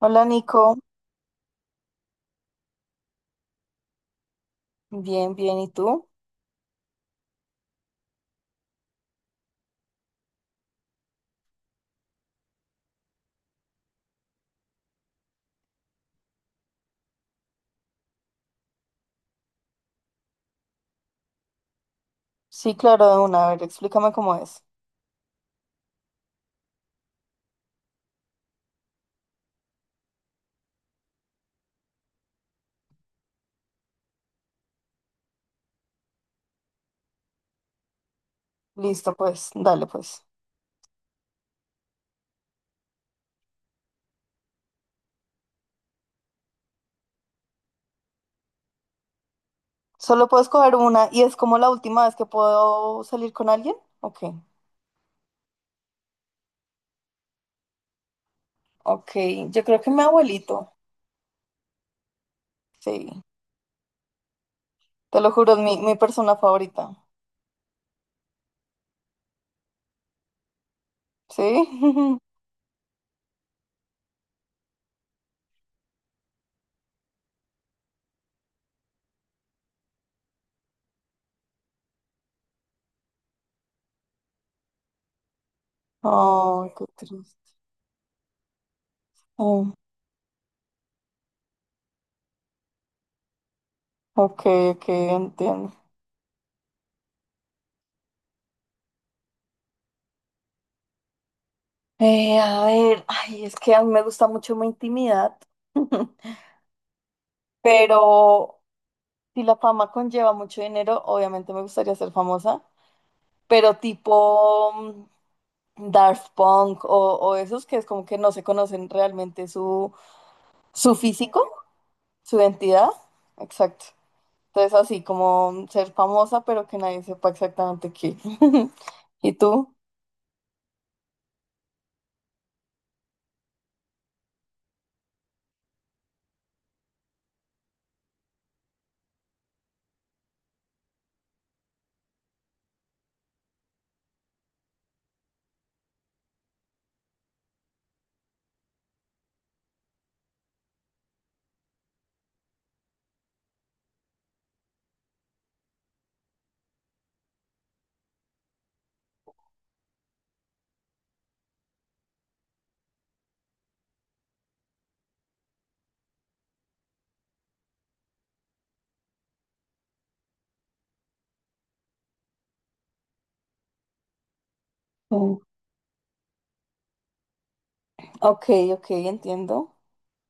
Hola Nico, bien, bien, ¿y tú? Sí, claro, de una, a ver, explícame cómo es. Listo, pues, dale, pues. Solo puedo escoger una y es como la última vez que puedo salir con alguien. Ok, ok, yo creo que mi abuelito, sí, te lo juro, es mi persona favorita, ¿sí? Oh, qué triste. Oh, ok, ok, entiendo. A ver, ay, es que a mí me gusta mucho mi intimidad, pero... Si la fama conlleva mucho dinero, obviamente me gustaría ser famosa, pero tipo Daft Punk o esos que es como que no se conocen realmente su, su físico, su identidad. Exacto. Entonces así como ser famosa, pero que nadie sepa exactamente qué. ¿Y tú? Mm. Ok, ok, entiendo.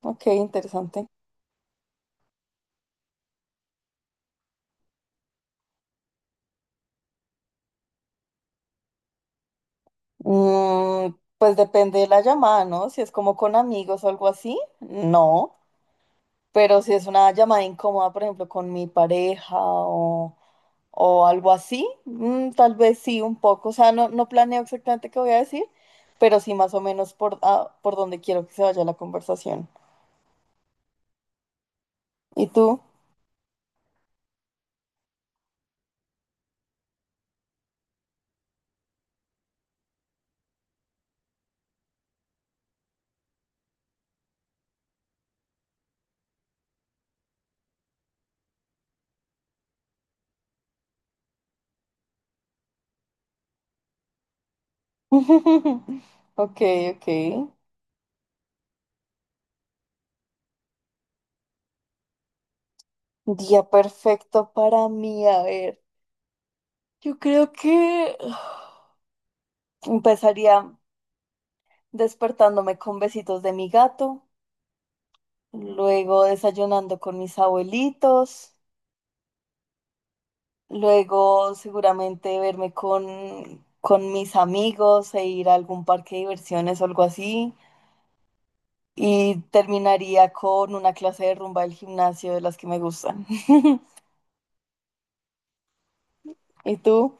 Ok, interesante. Pues depende de la llamada, ¿no? Si es como con amigos o algo así, no. Pero si es una llamada incómoda, por ejemplo, con mi pareja o algo así, tal vez sí, un poco. O sea, no, no planeo exactamente qué voy a decir, pero sí más o menos por, por donde quiero que se vaya la conversación. ¿Y tú? Ok, ok. Día perfecto para mí. A ver, yo creo que empezaría despertándome con besitos de mi gato, luego desayunando con mis abuelitos. Luego seguramente verme con mis amigos e ir a algún parque de diversiones o algo así. Y terminaría con una clase de rumba del gimnasio de las que me gustan. ¿Y tú?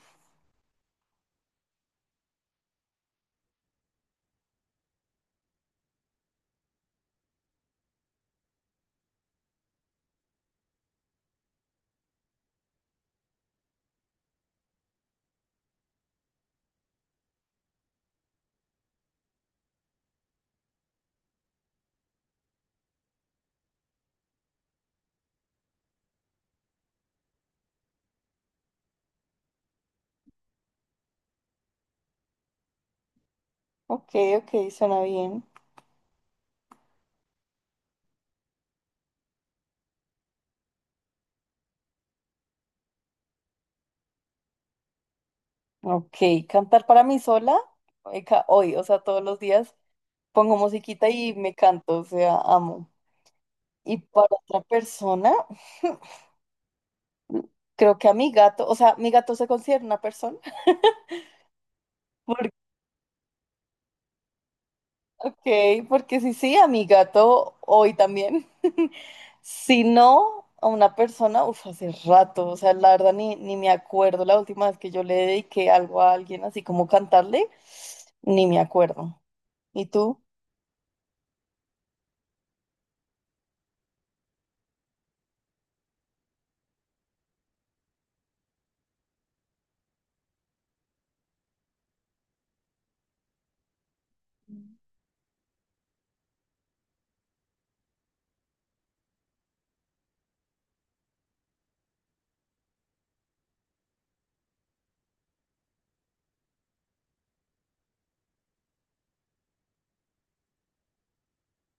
Ok, ok, suena bien. Ok, cantar para mí sola hoy, o sea, todos los días pongo musiquita y me canto, o sea, amo. Y para otra persona, creo que a mi gato, o sea, mi gato se considera una persona. Ok, porque si sí, a mi gato hoy también. Si no, a una persona, uff, hace rato, o sea, la verdad ni me acuerdo la última vez que yo le dediqué algo a alguien, así como cantarle, ni me acuerdo. ¿Y tú?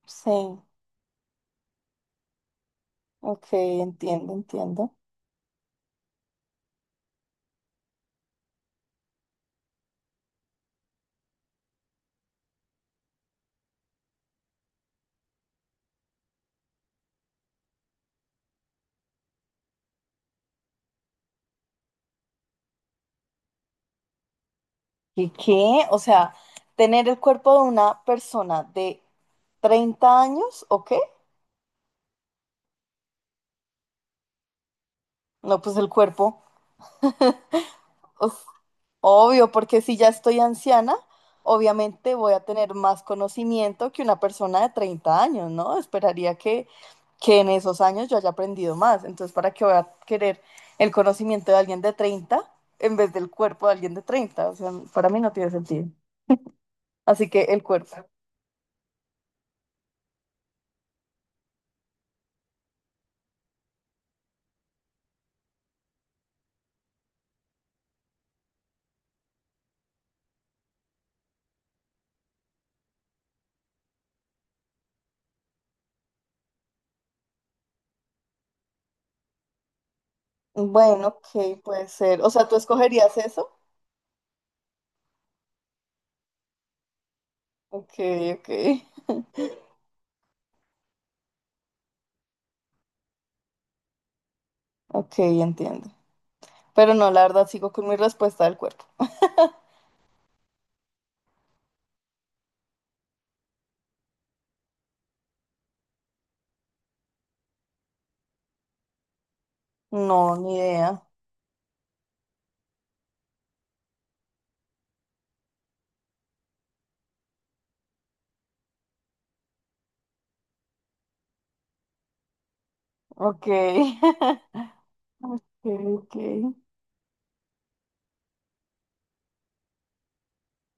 Sí, ok, entiendo, entiendo. ¿Y qué? O sea, tener el cuerpo de una persona de 30 años, ¿o qué? No, pues el cuerpo. O Obvio, porque si ya estoy anciana, obviamente voy a tener más conocimiento que una persona de 30 años, ¿no? Esperaría que en esos años yo haya aprendido más. Entonces, ¿para qué voy a querer el conocimiento de alguien de 30 en vez del cuerpo de alguien de 30? O sea, para mí no tiene sentido. Así que el cuerpo. Bueno, ok, puede ser. O sea, ¿tú escogerías eso? Ok, ok. Ok, entiendo. Pero no, la verdad, sigo con mi respuesta del cuerpo. No, ni idea. Ok. Ok, ok.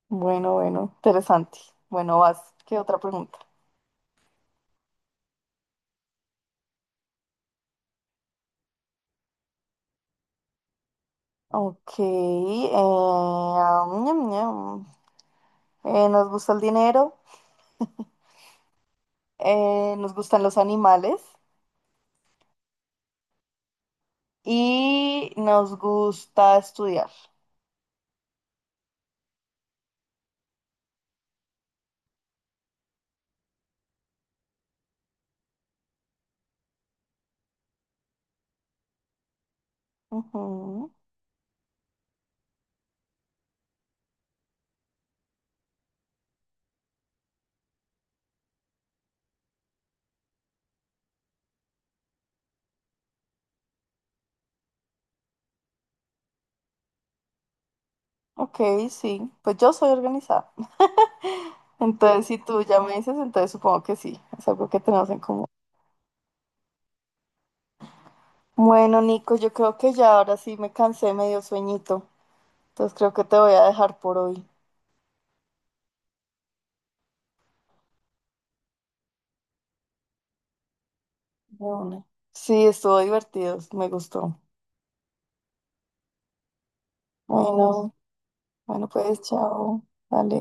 Bueno, bueno, interesante. Bueno, vas. ¿Qué otra pregunta? Ok. Am, ñam, ñam. Nos gusta el dinero, nos gustan los animales y nos gusta estudiar. Ujú. Ok, sí. Pues yo soy organizada. Entonces, si tú ya me dices, entonces supongo que sí, es algo que tenemos en común. Bueno, Nico, yo creo que ya ahora sí me cansé, me dio sueñito, entonces creo que te voy a dejar por hoy. De una. Sí, estuvo divertido, me gustó. Bueno, bueno, pues chao, dale.